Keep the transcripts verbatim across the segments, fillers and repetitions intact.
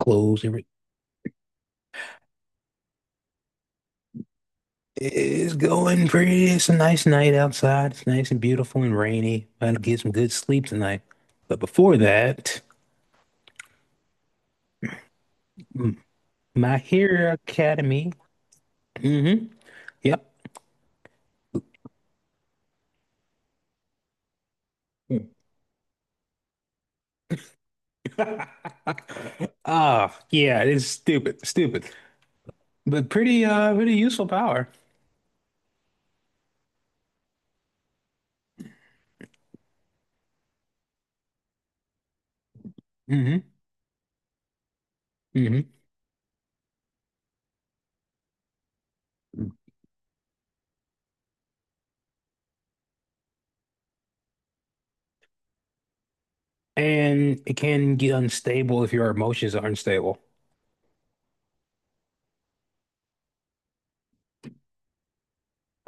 Clothes. every- It's going pretty. It's a nice night outside. It's nice and beautiful and rainy. I'm gonna get some good sleep tonight. But before that, mm, My Hero Academy. hmm Yep. Ah, yeah, it's stupid, stupid, but pretty, uh, pretty useful power. Hmm hmm And it can get unstable if your emotions are unstable.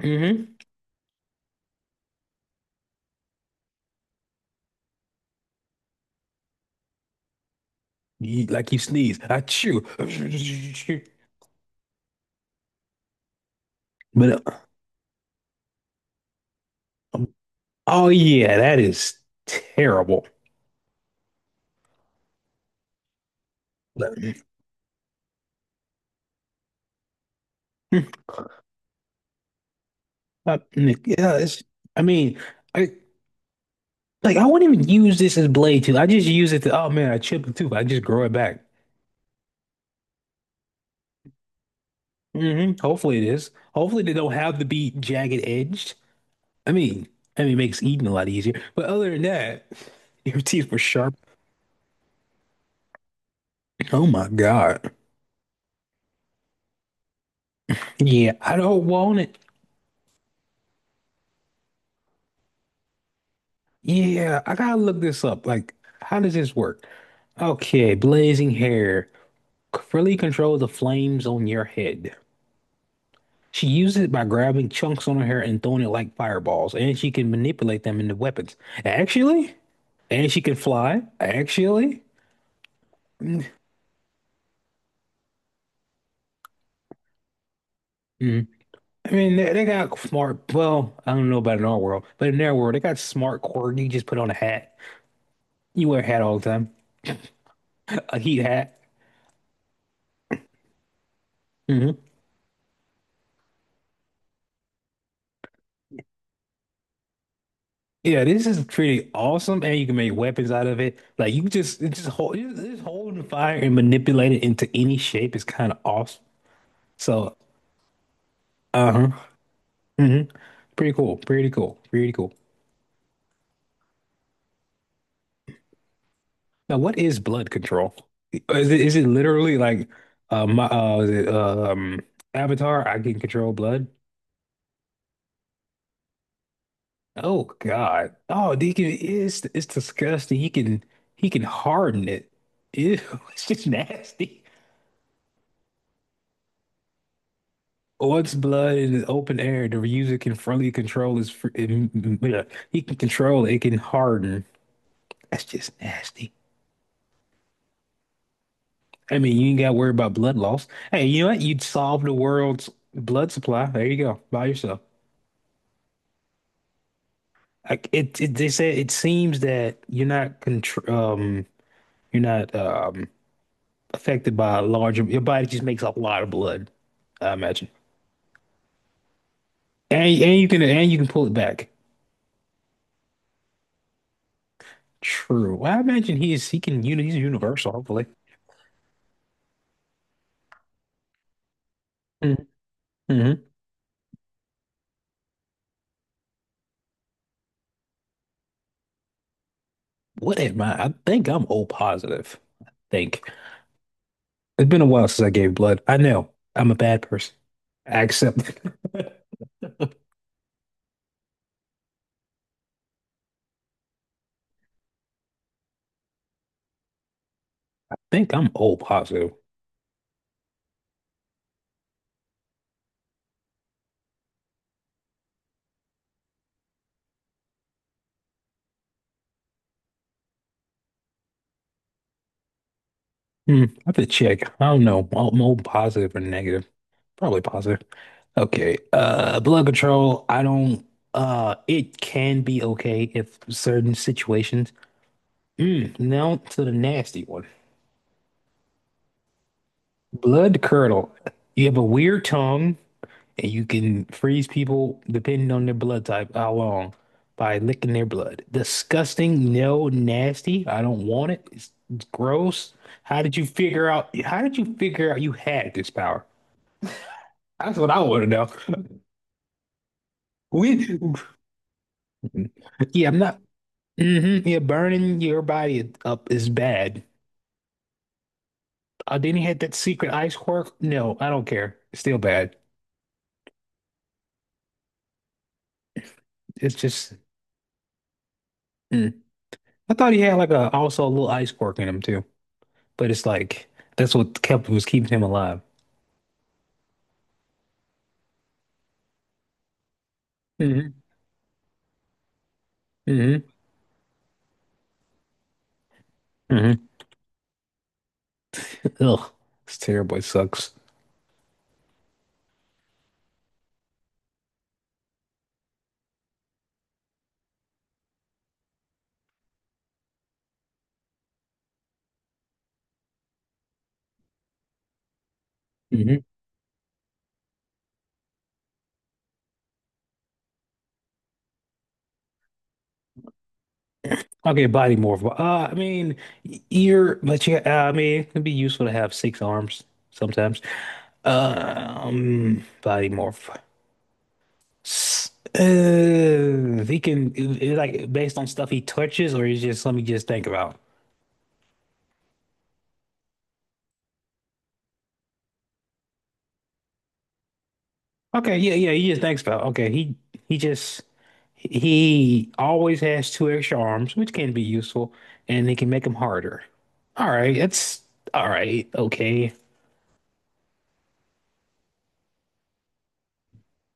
Hmm You, like you sneeze, I chew, but uh, oh yeah, that is terrible. But- Uh, yeah, it's, I mean, I like I wouldn't even use this as blade tooth. I just use it to, oh man, I chipped a tooth. I just grow it back. Hmm Hopefully it is. Hopefully they don't have to be jagged edged. I mean, I mean, it makes eating a lot easier. But other than that, your teeth were sharp. Oh my God. Yeah, I don't want it. Yeah, I gotta look this up. Like, how does this work? Okay, blazing hair. Freely control the flames on your head. She uses it by grabbing chunks on her hair and throwing it like fireballs, and she can manipulate them into weapons. Actually, and she can fly. Actually, mm, mm. I mean, they, they got smart. Well, I don't know about in our world, but in their world, they got smart quirky. You just put on a hat. You wear a hat all the time, a heat hat. Hmm Yeah, this is pretty awesome, and you can make weapons out of it. Like you just, it just hold, you just holding the fire and manipulate it into any shape is kind of awesome. So. Uh-huh. hmm Pretty cool. Pretty cool. Pretty cool. Now, what is blood control? Is it is it literally like uh my uh is it, uh, um Avatar? I can control blood. Oh God. Oh, Deacon is it's disgusting. He can he can harden it. Ew, it's just nasty. Once blood in the open air, the user can freely control his. fr- He can control it. It can harden. That's just nasty. I mean, you ain't got to worry about blood loss. Hey, you know what? You'd solve the world's blood supply. There you go, by yourself. Like it, it, they said it seems that you're not contr um, you're not um affected by a large. Your body just makes a lot of blood. I imagine, and and you can and you can pull it back. True. Well, I imagine he is he can you he's universal. Hopefully. Mm-hmm. Mm-hmm. What am I? I think I'm O positive. I think it's been a while since I gave blood. I know I'm a bad person. I accept it. think I'm O positive. Hmm, I have to check. I don't know. I'm O positive or negative. Probably positive. Okay. Uh, blood control. I don't. Uh, it can be okay if certain situations. Mm, now to the nasty one. Blood curdle. You have a weird tongue. And you can freeze people depending on their blood type, how long, by licking their blood. Disgusting, no, nasty. I don't want it. It's, it's gross. How did you figure out? How did you figure out you had this power? That's what I want to know. We, yeah, I'm not. Hmm yeah, burning your body up is bad. Uh, then he had that secret ice quirk. No, I don't care. It's still bad. It's just. Mm. I thought he had like a also a little ice quirk in him too. But it's like that's what kept was keeping him alive. Mm-hmm. Mm-hmm. Mm-hmm. Ugh, it's terrible. It sucks. Mm-hmm. Okay, body morph. Well, Uh, I mean, y- but yeah, uh, I mean, it can be useful to have six arms sometimes. Um, body morph. S- Uh, he can, i- i- like, based on stuff he touches, or is just let me just think about? Okay, yeah, yeah, he just thanks pal. Okay, he he just he always has two extra arms, which can be useful, and they can make him harder. All right, that's all right. Okay.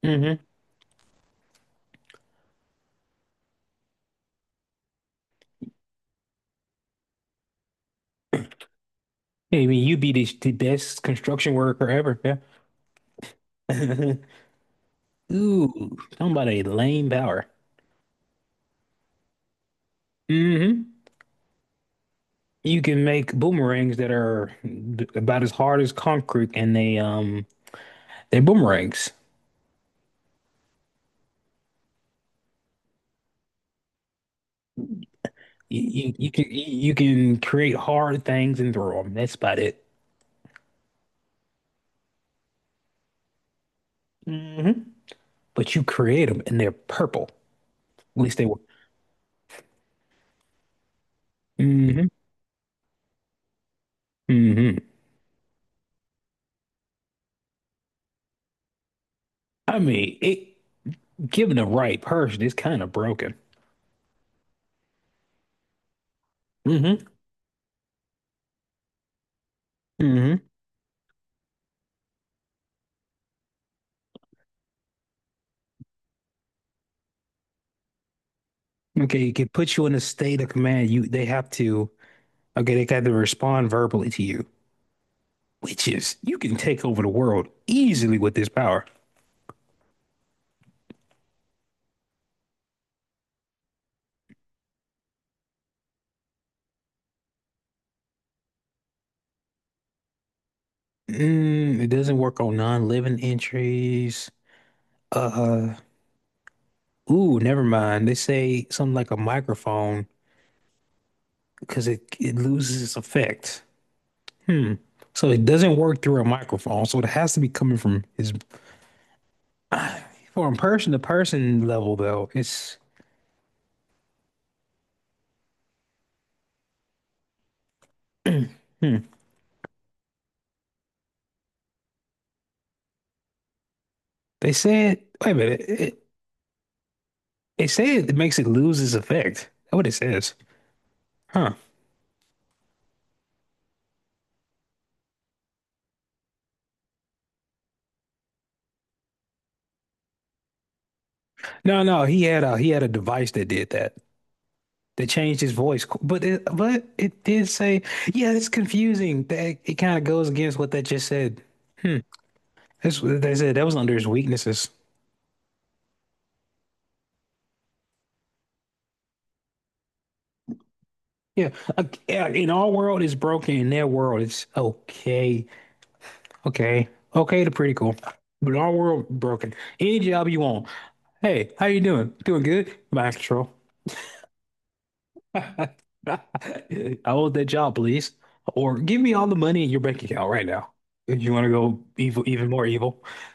Mm-hmm. Yeah, I mean, you'd be the, the best construction worker ever. Yeah. Ooh, talking about a lame power. Mm-hmm. You can make boomerangs that are about as hard as concrete, and they um they're boomerangs. You, you, you can you can create hard things and throw them. That's about it. Hmm But you create them and they're purple. At least they were. Hmm hmm I mean, it given the right person, it's kind of broken. Hmm hmm Okay, it can put you in a state of command. You they have to okay, they have to respond verbally to you, which is you can take over the world easily with this power. Mm, it doesn't work on non-living entries. Uh, ooh, never mind. They say something like a microphone because it it loses its effect. Hmm. So it doesn't work through a microphone. So it has to be coming from his from person to person level though. It's hmm. They said wait a minute. It, they said it makes it lose its effect. That's what it says. Huh. No, no, he had a he had a device that did that. That changed his voice. But it but it did say, yeah, it's confusing. That it kind of goes against what that just said. Hmm. That's what they said. That was under his weaknesses. Yeah, uh, yeah, in our world it's broken. In their world, it's okay. Okay. Okay, they're pretty cool. But our world broken. Any job you want. Hey, how you doing? Doing good? Mind control. I want that job, please. Or give me all the money in your bank account right now. If you want to go evil, even more evil.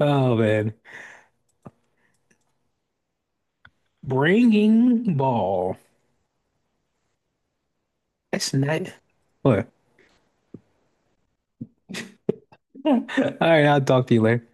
Oh man. Bringing ball. That's not what. All right, I'll talk to you later.